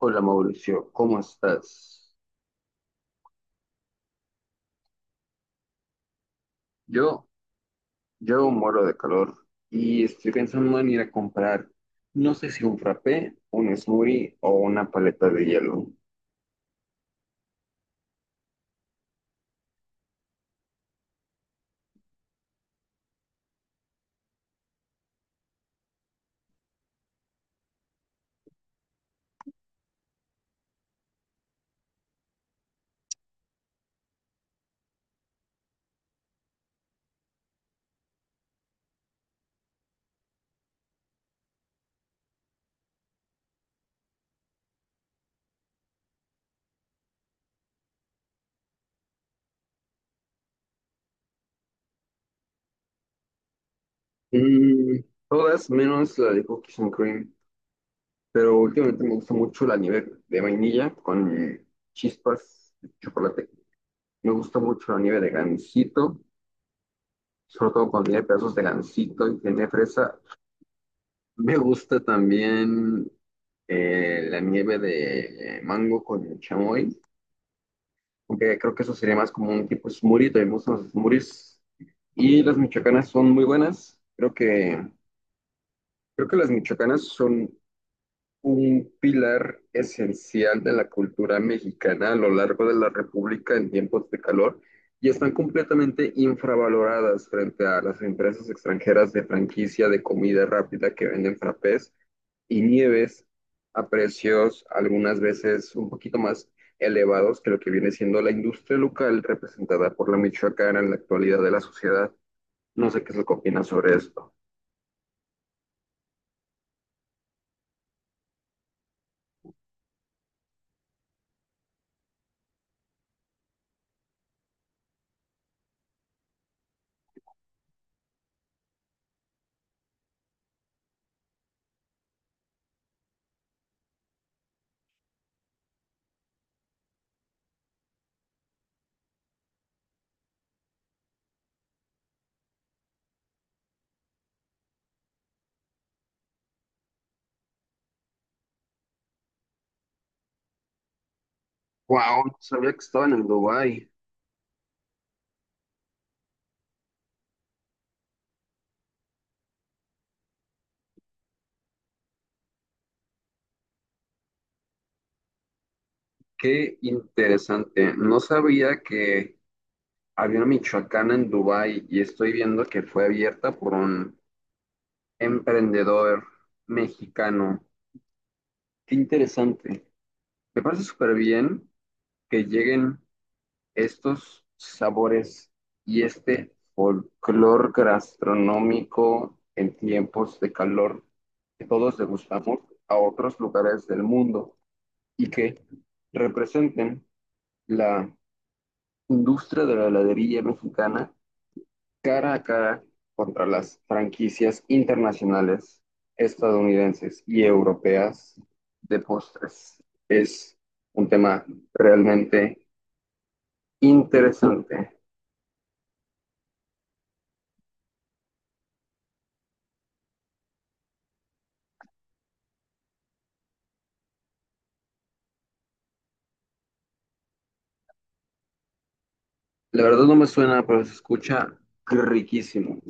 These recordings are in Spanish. Hola Mauricio, ¿cómo estás? Yo, yo muero de calor y estoy pensando en ir a comprar, no sé si un frappé, un smoothie o una paleta de hielo. Mm, todas menos la de cookies and cream, pero últimamente me gusta mucho la nieve de vainilla con chispas de chocolate. Me gusta mucho la nieve de gansito, sobre todo cuando tiene pedazos de gansito y tiene fresa. Me gusta también la nieve de mango con chamoy, aunque creo que eso sería más como un tipo smoothie, también me gustan los smoothies. Y las michoacanas son muy buenas. Creo que las michoacanas son un pilar esencial de la cultura mexicana a lo largo de la República en tiempos de calor y están completamente infravaloradas frente a las empresas extranjeras de franquicia de comida rápida que venden frappés y nieves a precios algunas veces un poquito más elevados que lo que viene siendo la industria local representada por la Michoacana en la actualidad de la sociedad. No sé qué es lo que opinas sobre esto. Wow, no sabía que estaban en Dubái. Qué interesante. No sabía que había una Michoacana en Dubái y estoy viendo que fue abierta por un emprendedor mexicano. Qué interesante. Me parece súper bien que lleguen estos sabores y este folclor gastronómico en tiempos de calor que todos degustamos a otros lugares del mundo y que representen la industria de la heladería mexicana cara a cara contra las franquicias internacionales, estadounidenses y europeas de postres. Es un tema realmente interesante. La verdad no me suena, pero se escucha riquísimo.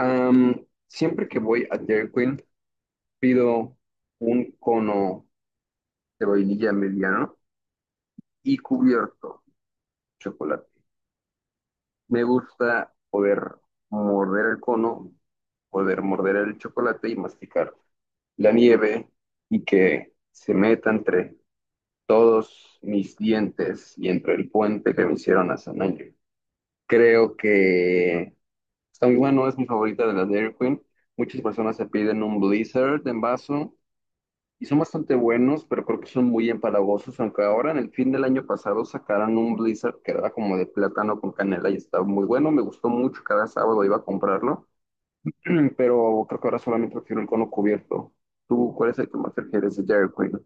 Siempre que voy a Dairy Queen, pido un cono de vainilla mediano y cubierto de chocolate. Me gusta poder morder el cono, poder morder el chocolate y masticar la nieve y que se meta entre todos mis dientes y entre el puente que me hicieron hace un año. Creo que está muy bueno, es mi favorita de la Dairy Queen. Muchas personas se piden un Blizzard en vaso y son bastante buenos, pero creo que son muy empalagosos, aunque ahora en el fin del año pasado sacaron un Blizzard que era como de plátano con canela y estaba muy bueno, me gustó mucho, cada sábado iba a comprarlo, pero creo que ahora solamente prefiero el cono cubierto. ¿Tú cuál es el que más prefieres de Dairy Queen?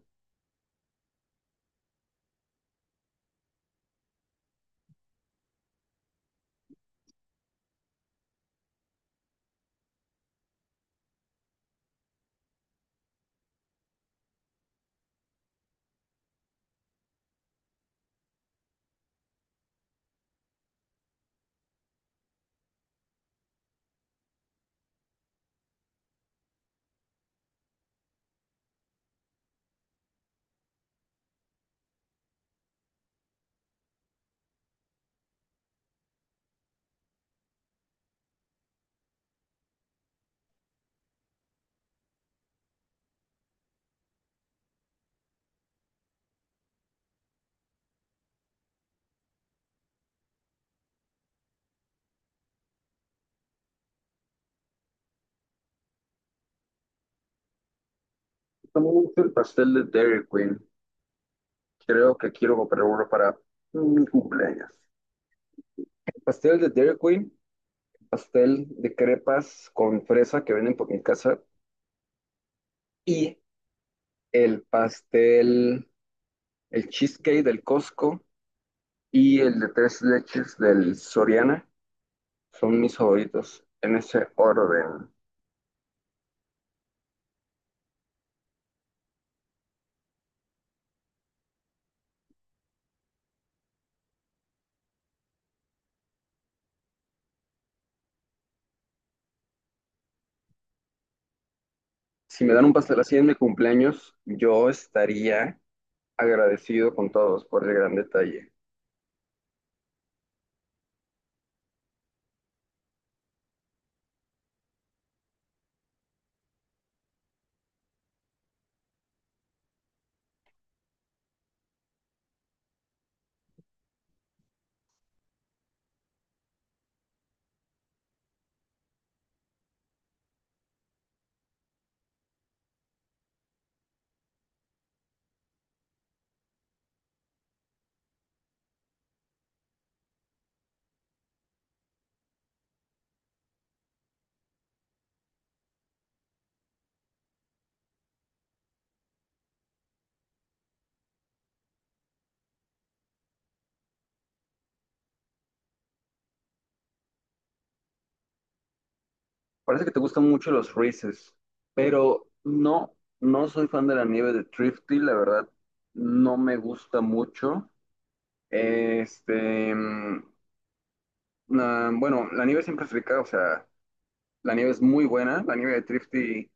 También me gusta el pastel de Dairy Queen. Creo que quiero comprar uno para mi cumpleaños. Pastel de Dairy Queen, pastel de crepas con fresa que venden por mi casa y el pastel, el cheesecake del Costco y el de tres leches del Soriana son mis favoritos en ese orden. Si me dan un pastel así en mi cumpleaños, yo estaría agradecido con todos por el gran detalle. Parece que te gustan mucho los Reese's, pero no, no soy fan de la nieve de Thrifty, la verdad, no me gusta mucho. Mm, nah, bueno, la nieve siempre es rica, o sea, la nieve es muy buena, la nieve de Trifty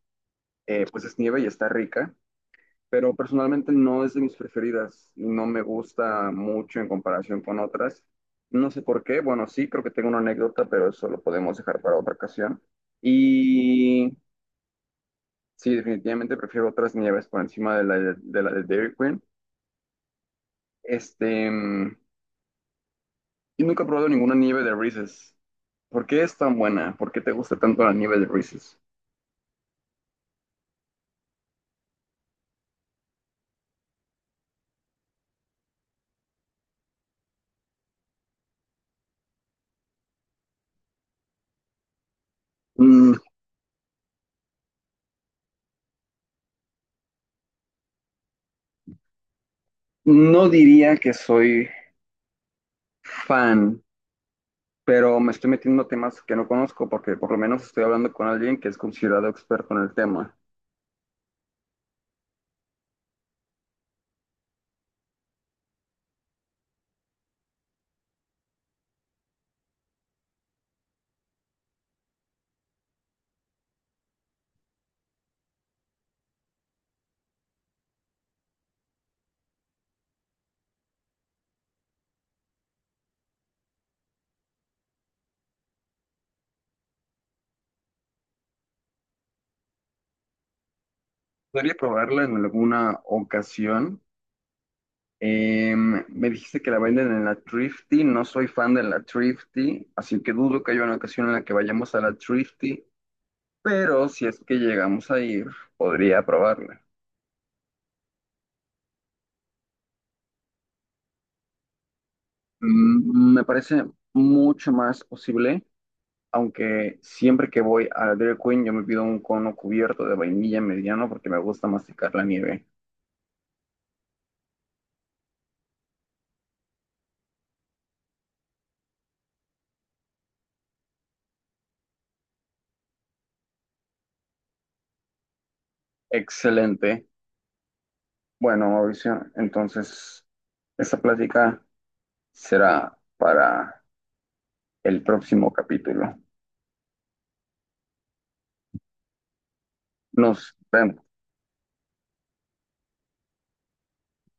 pues es nieve y está rica, pero personalmente no es de mis preferidas, no me gusta mucho en comparación con otras. No sé por qué, bueno, sí, creo que tengo una anécdota, pero eso lo podemos dejar para otra ocasión. Y sí, definitivamente prefiero otras nieves por encima de la de Dairy Queen. Mm, y nunca he probado ninguna nieve de Reese's. ¿Por qué es tan buena? ¿Por qué te gusta tanto la nieve de Reese's? Mm, no diría que soy fan, pero me estoy metiendo a temas que no conozco porque por lo menos estoy hablando con alguien que es considerado experto en el tema. Podría probarla en alguna ocasión. Me dijiste que la venden en la Thrifty, no soy fan de la Thrifty, así que dudo que haya una ocasión en la que vayamos a la Thrifty, pero si es que llegamos a ir, podría probarla. Mm, me parece mucho más posible, aunque siempre que voy a Dairy Queen yo me pido un cono cubierto de vainilla mediano porque me gusta masticar la nieve. Excelente. Bueno, Mauricio, entonces esta plática será para el próximo capítulo. Nos vemos.